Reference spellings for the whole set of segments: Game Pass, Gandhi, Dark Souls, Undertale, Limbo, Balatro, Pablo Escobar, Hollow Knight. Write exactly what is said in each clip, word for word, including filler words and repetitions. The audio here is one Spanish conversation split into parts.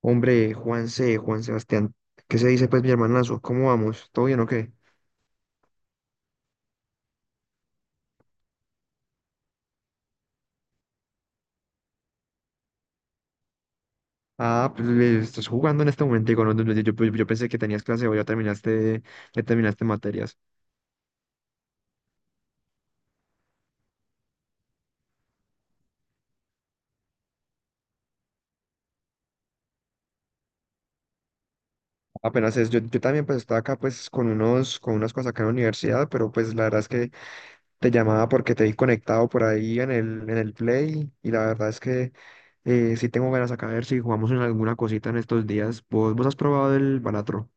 Hombre, Juanse, Juan Sebastián, ¿qué se dice pues mi hermanazo? ¿Cómo vamos? ¿Todo bien o qué? Ah, pues le- estás jugando en este momento, digo, no, no, yo, yo- yo pensé que tenías clase o ya terminaste, ya terminaste materias. Apenas es, yo, yo también pues estaba acá pues con unos, con unas cosas acá en la universidad, pero pues la verdad es que te llamaba porque te vi conectado por ahí en el, en el Play y la verdad es que eh, sí tengo ganas acá a ver si jugamos en alguna cosita en estos días. ¿Vos, vos has probado el Balatro?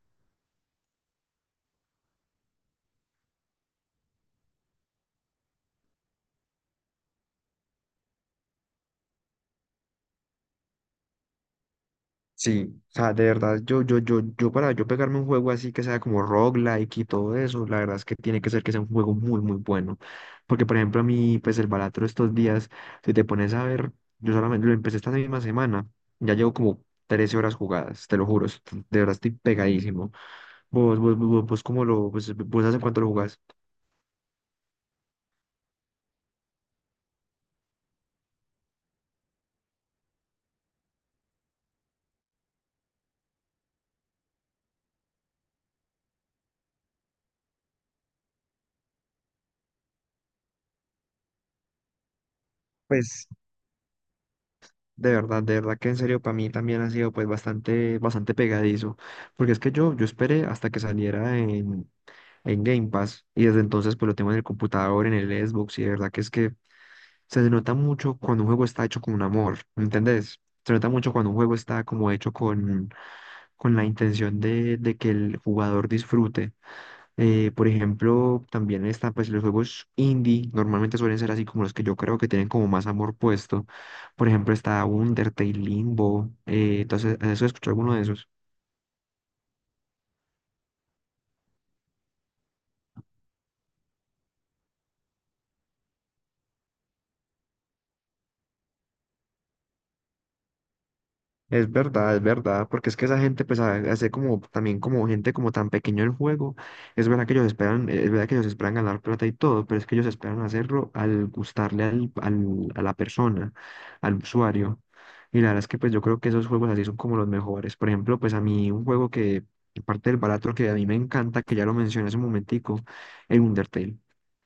Sí, o sea, de verdad, yo, yo, yo, yo para yo pegarme un juego así que sea como roguelike y todo eso, la verdad es que tiene que ser que sea un juego muy, muy bueno. Porque, por ejemplo, a mí, pues el Balatro estos días, si te pones a ver, yo solamente lo empecé esta misma semana, ya llevo como trece horas jugadas, te lo juro, est- de verdad estoy pegadísimo. Vos, vos, vos, vos, ¿cómo lo, pues, vos hace cuánto lo jugás? Pues, de verdad, de verdad que en serio, para mí también ha sido pues bastante, bastante pegadizo. Porque es que yo, yo esperé hasta que saliera en en Game Pass y desde entonces pues lo tengo en el computador, en el Xbox, y de verdad que es que se nota mucho cuando un juego está hecho con un amor, ¿me entendés? Se nota mucho cuando un juego está como hecho con, con la intención de, de que el jugador disfrute. Eh, por ejemplo, también están pues los juegos indie; normalmente suelen ser así como los que yo creo que tienen como más amor puesto. Por ejemplo, está Undertale, Limbo, eh, entonces, ¿has escuchado alguno de esos? Es verdad, es verdad, porque es que esa gente, pues, hace como, también como gente como tan pequeño el juego, es verdad que ellos esperan, es verdad que ellos esperan ganar plata y todo, pero es que ellos esperan hacerlo al gustarle al, al- a la persona, al usuario. Y la verdad es que, pues, yo creo que esos juegos así son como los mejores. Por ejemplo, pues, a mí un juego que, parte del barato que a mí me encanta, que ya lo mencioné hace un momentico, el Undertale.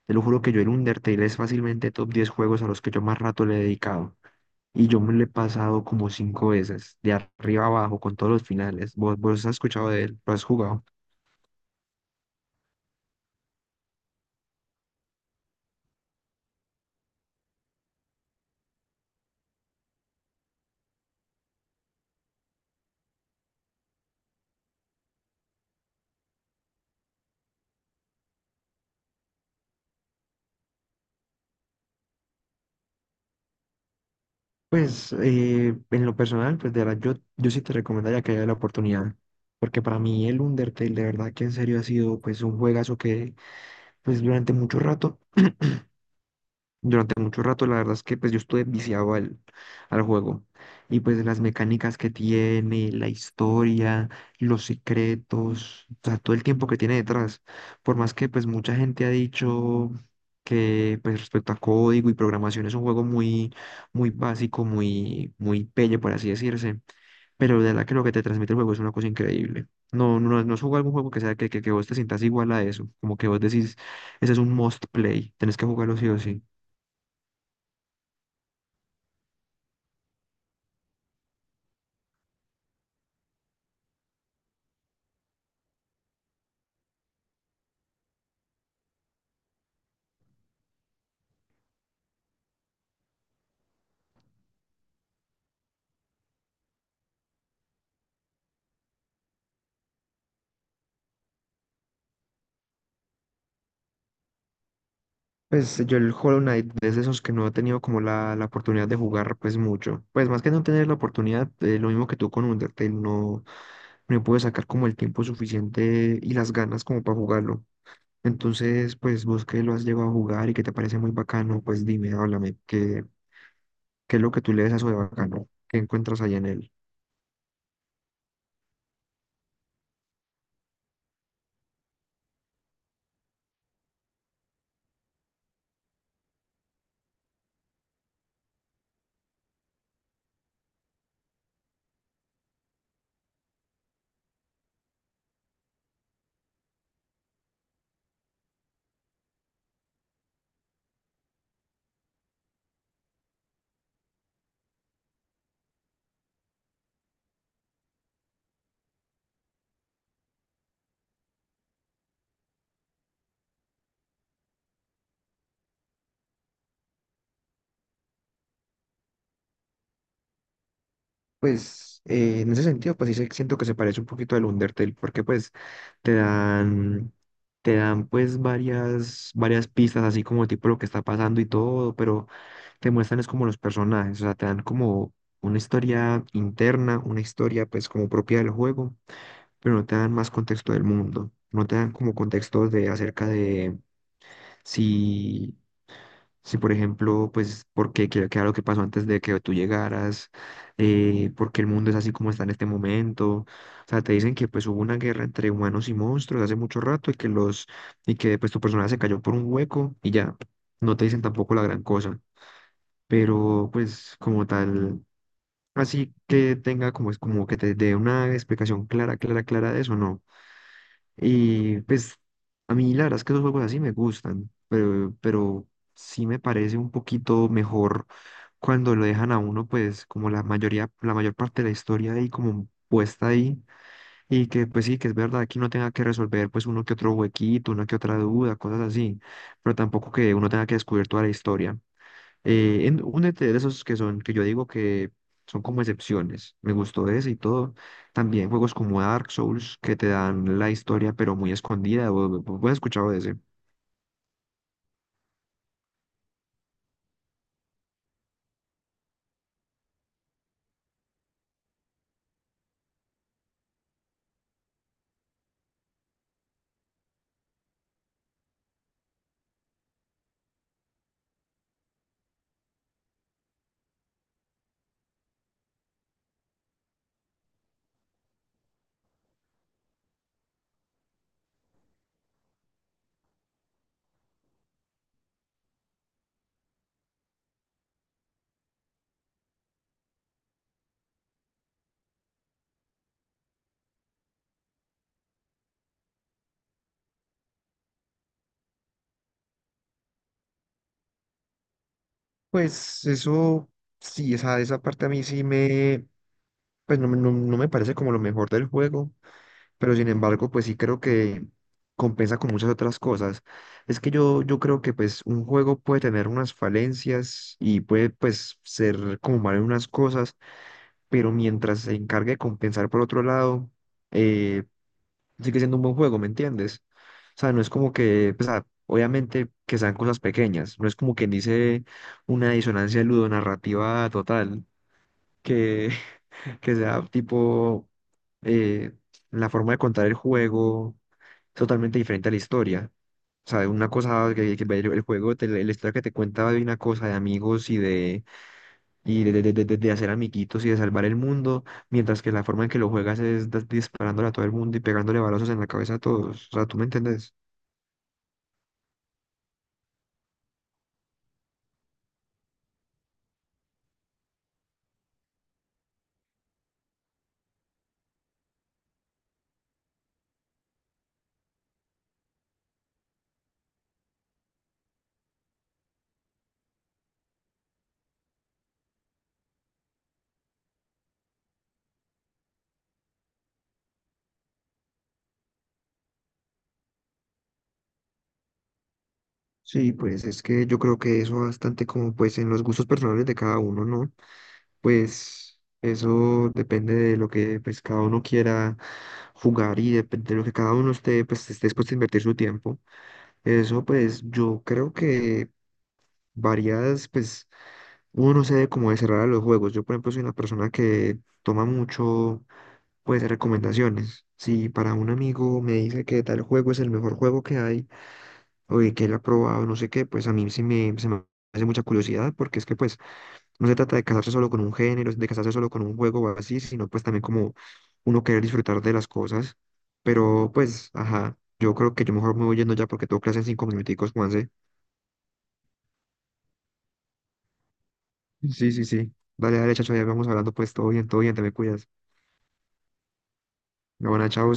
Te lo juro que yo el Undertale es fácilmente top diez juegos a los que yo más rato le he dedicado. Y yo me lo he pasado como cinco veces, de arriba abajo, con todos los finales. ¿Vos, vos has escuchado de él? ¿Lo has jugado? Pues eh, en lo personal, pues de verdad, yo, yo sí te recomendaría que haya la oportunidad. Porque para mí el Undertale, de verdad que en serio ha sido pues un juegazo que pues durante mucho rato. Durante mucho rato, la verdad es que pues yo estuve viciado al, al juego. Y pues las mecánicas que tiene, la historia, los secretos, o sea, todo el tiempo que tiene detrás. Por más que pues mucha gente ha dicho que pues respecto a código y programación es un juego muy, muy básico, muy, muy pelle, por así decirse. Pero de verdad que lo que te transmite el juego es una cosa increíble. No, no, no es jugar algún juego que sea que, que, que vos te sientas igual a eso. Como que vos decís, ese es un must play, tenés que jugarlo sí o sí. Pues yo el Hollow Knight es de esos que no he tenido como la, la oportunidad de jugar pues mucho. Pues más que no tener la oportunidad, eh, lo mismo que tú con Undertale, no, no pude sacar como el tiempo suficiente y las ganas como para jugarlo. Entonces, pues vos que lo has llegado a jugar y que te parece muy bacano, pues dime, háblame, ¿qué, qué es lo que tú le ves a eso de bacano? ¿Qué encuentras allá en él? Pues eh, en ese sentido, pues sí se- siento que se parece un poquito al Undertale, porque pues te dan, te dan pues varias, varias pistas, así como tipo lo que está pasando y todo, pero te muestran es como los personajes, o sea, te dan como una historia interna, una historia pues como propia del juego, pero no te dan más contexto del mundo, no te dan como contexto de acerca de si si, por ejemplo, pues, porque qué qué era lo que pasó antes de que tú llegaras, eh, por qué el mundo es así como está en este momento. O sea, te dicen que pues hubo una guerra entre humanos y monstruos hace mucho rato y que los, y que pues tu personaje se cayó por un hueco y ya. No te dicen tampoco la gran cosa. Pero pues como tal, así que tenga como es como que te dé una explicación clara, clara, clara de eso, ¿no? Y pues a mí la verdad es que esos juegos así me gustan, pero, pero sí me parece un poquito mejor cuando lo dejan a uno, pues como la mayoría, la mayor parte de la historia ahí como puesta ahí y que pues sí, que es verdad que uno tenga que resolver pues uno que otro huequito, una que otra duda, cosas así, pero tampoco que uno tenga que descubrir toda la historia. Eh, en, únete de de esos que son, que yo digo que son como excepciones, me gustó ese y todo. También juegos como Dark Souls, que te dan la historia pero muy escondida. ¿vos vos has escuchado de ese? Pues eso, sí, esa, esa parte a mí sí me, pues no, me no- no me parece como lo mejor del juego, pero sin embargo, pues sí creo que compensa con muchas otras cosas. Es que yo, yo creo que pues un juego puede tener unas falencias y puede pues ser como mal en unas cosas, pero mientras se encargue de compensar por otro lado, eh, sigue siendo un buen juego, ¿me entiendes? O sea, no es como que, pues, ah, obviamente que sean cosas pequeñas, no es como quien dice una disonancia ludonarrativa total. que que sea tipo eh, la forma de contar el juego es totalmente diferente a la historia. O sea, una cosa que, que el, el juego, te- la historia que te cuenta de una cosa de amigos y de, y de, de- de- de- de hacer amiguitos y de salvar el mundo, mientras que la forma en que lo juegas es das- disparándole a todo el mundo y pegándole balazos en la cabeza a todos. O sea, ¿tú me entendés? Sí, pues es que yo creo que eso bastante como pues en los gustos personales de cada uno, ¿no? Pues eso depende de lo que pues, cada uno quiera jugar y depende de lo que cada uno esté, pues, esté dispuesto a invertir su tiempo. Eso pues yo creo que varias, pues uno no sabe cómo de cerrar a los juegos. Yo por ejemplo soy una persona que toma mucho pues recomendaciones. Si para un amigo me dice que tal juego es el mejor juego que hay o de que él ha probado, no sé qué, pues a mí sí me, se me hace mucha curiosidad porque es que pues... No se trata de casarse solo con un género, de casarse solo con un juego o así, sino pues también como uno querer disfrutar de las cosas. Pero pues, ajá, yo creo que yo mejor me voy yendo ya porque tengo clase en cinco minuticos, Juanse. Sí, sí, sí. Dale, dale, chacho, ya vamos hablando pues, todo bien, todo bien, te me cuidas. Bueno, chao.